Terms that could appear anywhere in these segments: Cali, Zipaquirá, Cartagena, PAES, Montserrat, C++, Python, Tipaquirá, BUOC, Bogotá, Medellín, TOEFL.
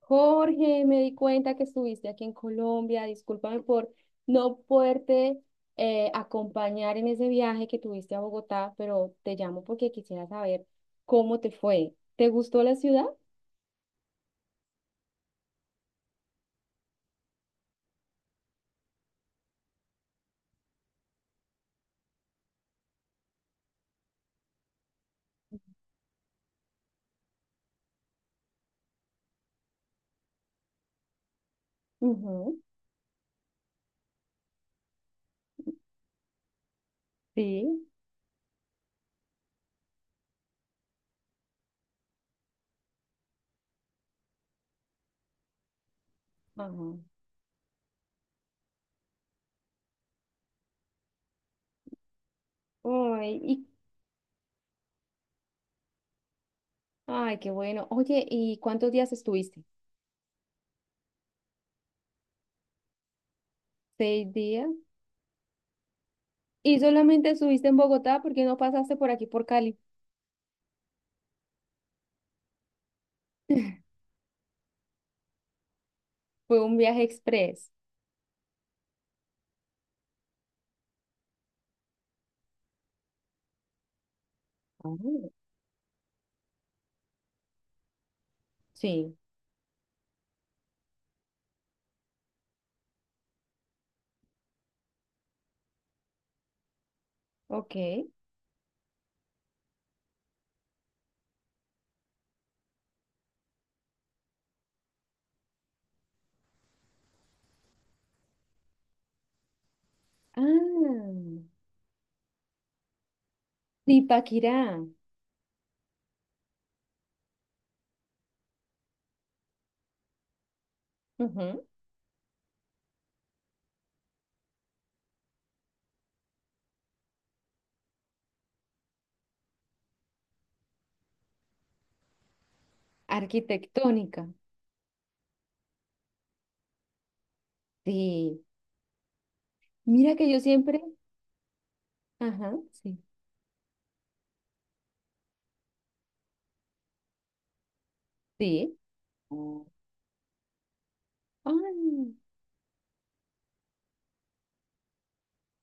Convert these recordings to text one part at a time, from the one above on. Jorge, me di cuenta que estuviste aquí en Colombia. Discúlpame por no poderte acompañar en ese viaje que tuviste a Bogotá, pero te llamo porque quisiera saber cómo te fue. ¿Te gustó la ciudad? Ujú. Sí. Ajá. Ay, ¿y ay, qué bueno? Oye, ¿y cuántos días estuviste? ¿Seis días? ¿Y solamente estuviste en Bogotá? ¿Por qué no pasaste por aquí por Cali? Fue un viaje express. Ah. Sí, ok. Ah, Tipaquirá. Ujú. Arquitectónica. Sí. Mira que yo siempre. Ajá, sí. Sí. Ah, ay,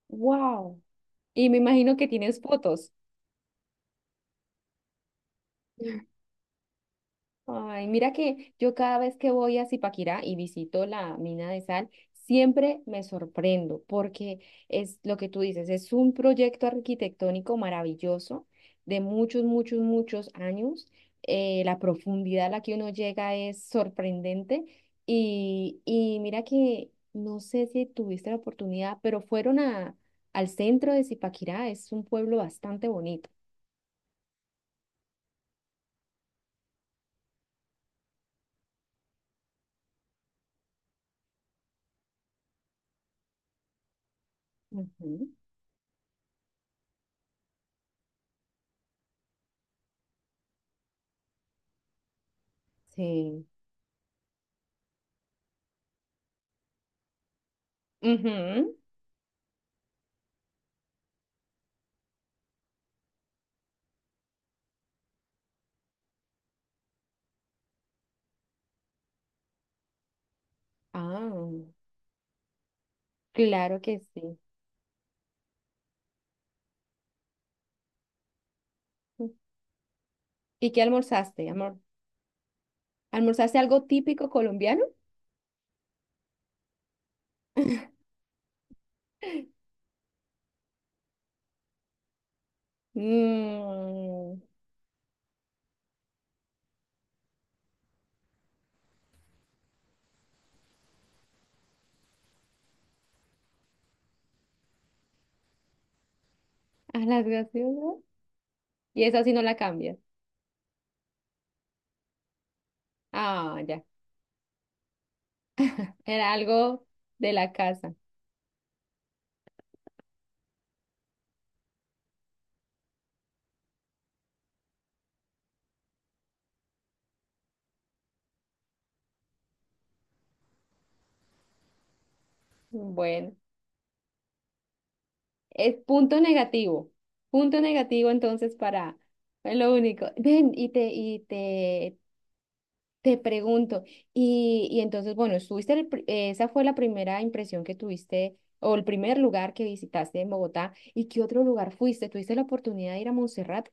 wow. Y me imagino que tienes fotos. Ay, mira que yo cada vez que voy a Zipaquirá y visito la mina de sal, siempre me sorprendo porque es lo que tú dices, es un proyecto arquitectónico maravilloso de muchos, muchos, muchos años. La profundidad a la que uno llega es sorprendente y mira que no sé si tuviste la oportunidad, pero fueron a, al centro de Zipaquirá, es un pueblo bastante bonito. Ujú. Sí. Ujú. Ah. Claro que sí. ¿Y qué almorzaste, amor? ¿Almorzaste algo típico colombiano? Mm, a las graciosas. Y esa sí no la cambias. Ah, ya. Era algo de la casa. Bueno, es punto negativo. Punto negativo entonces para es lo único. Ven, y te, te pregunto, y entonces, bueno, estuviste, esa fue la primera impresión que tuviste, o el primer lugar que visitaste en Bogotá, ¿y qué otro lugar fuiste? ¿Tuviste la oportunidad de ir a Montserrat?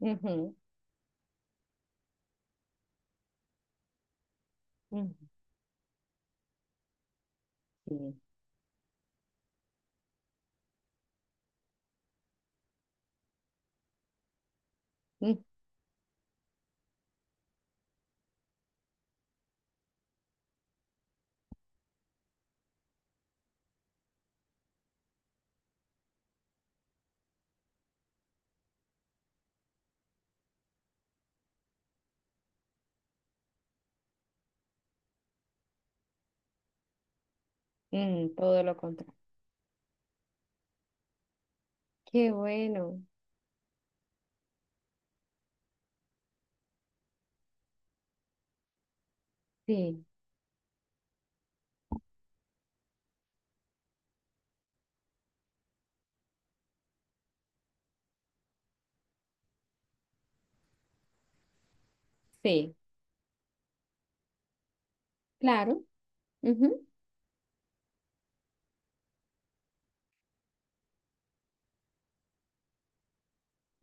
Ujú, ujú, sí, mm, mm, todo lo contrario. Qué bueno, sí, sí, claro. Ujú.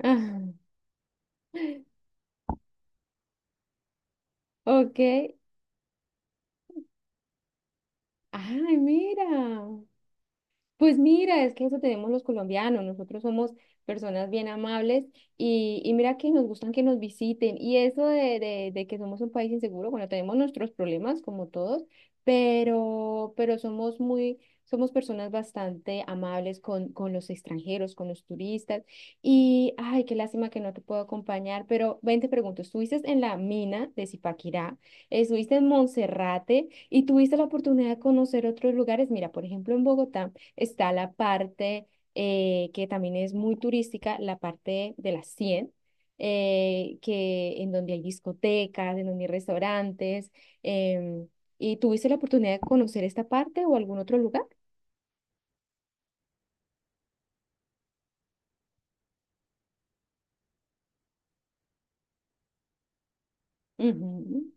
Ah, ok, ay, mira. Pues mira, es que eso tenemos los colombianos, nosotros somos personas bien amables y mira que nos gustan que nos visiten y eso de que somos un país inseguro, bueno, tenemos nuestros problemas como todos, pero somos muy, somos personas bastante amables con los extranjeros, con los turistas y, ay, qué lástima que no te puedo acompañar, pero ven, te pregunto, estuviste en la mina de Zipaquirá, estuviste en Monserrate y tuviste la oportunidad de conocer otros lugares, mira, por ejemplo, en Bogotá. Está la parte que también es muy turística, la parte de las 100 que, en donde hay discotecas, en donde hay restaurantes. em, ¿Y tuviste la oportunidad de conocer esta parte o algún otro lugar? Ujú.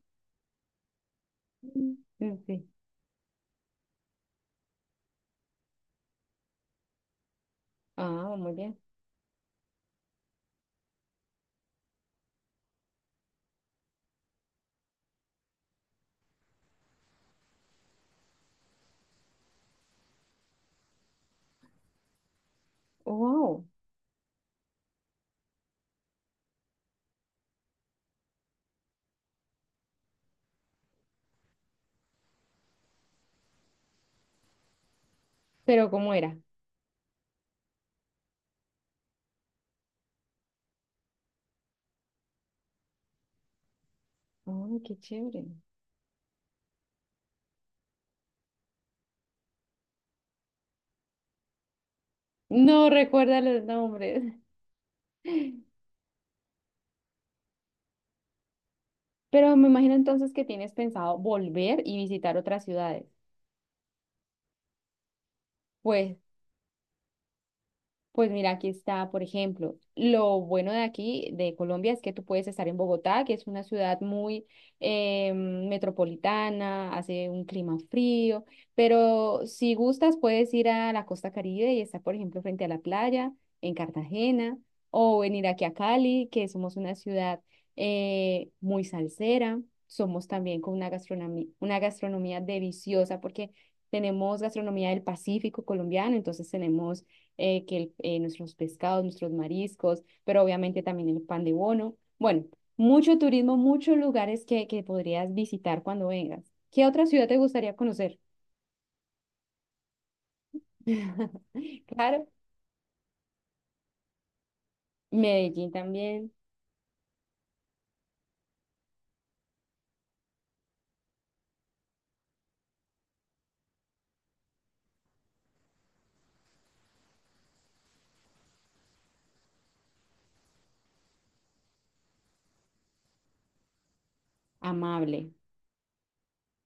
Mm, sí. Ah, muy bien. Wow. Pero ¿cómo era? Oh, qué chévere. No recuerda los nombres. Pero me imagino entonces que tienes pensado volver y visitar otras ciudades. Pues pues mira, aquí está, por ejemplo, lo bueno de aquí, de Colombia, es que tú puedes estar en Bogotá, que es una ciudad muy metropolitana, hace un clima frío, pero si gustas puedes ir a la costa Caribe y estar, por ejemplo, frente a la playa, en Cartagena, o venir aquí a Cali, que somos una ciudad muy salsera, somos también con una gastronomía deliciosa, porque tenemos gastronomía del Pacífico colombiano, entonces tenemos nuestros pescados, nuestros mariscos, pero obviamente también el pan de bono. Bueno, mucho turismo, muchos lugares que podrías visitar cuando vengas. ¿Qué otra ciudad te gustaría conocer? Claro, Medellín también, amable.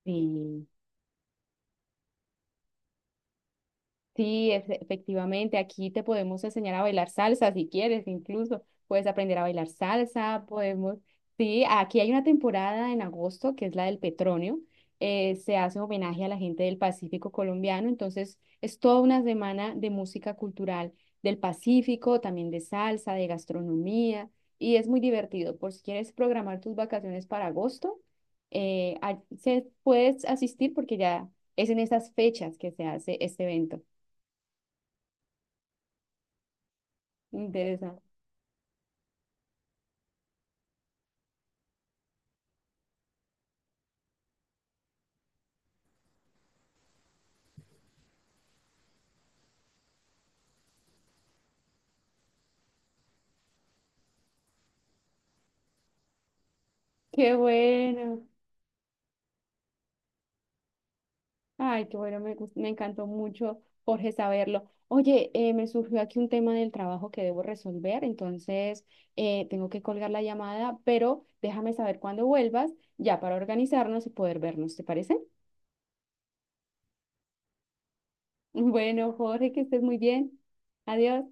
Sí. Sí, efectivamente, aquí te podemos enseñar a bailar salsa si quieres, incluso puedes aprender a bailar salsa, podemos, sí, aquí hay una temporada en agosto que es la del petróleo, se hace homenaje a la gente del Pacífico colombiano, entonces es toda una semana de música cultural del Pacífico, también de salsa, de gastronomía, y es muy divertido, por si quieres programar tus vacaciones para agosto, puedes asistir porque ya es en esas fechas que se hace este evento. Interesante. Qué bueno. Ay, qué bueno, me encantó mucho, Jorge, saberlo. Oye, me surgió aquí un tema del trabajo que debo resolver, entonces tengo que colgar la llamada, pero déjame saber cuándo vuelvas, ya para organizarnos y poder vernos, ¿te parece? Bueno, Jorge, que estés muy bien. Adiós.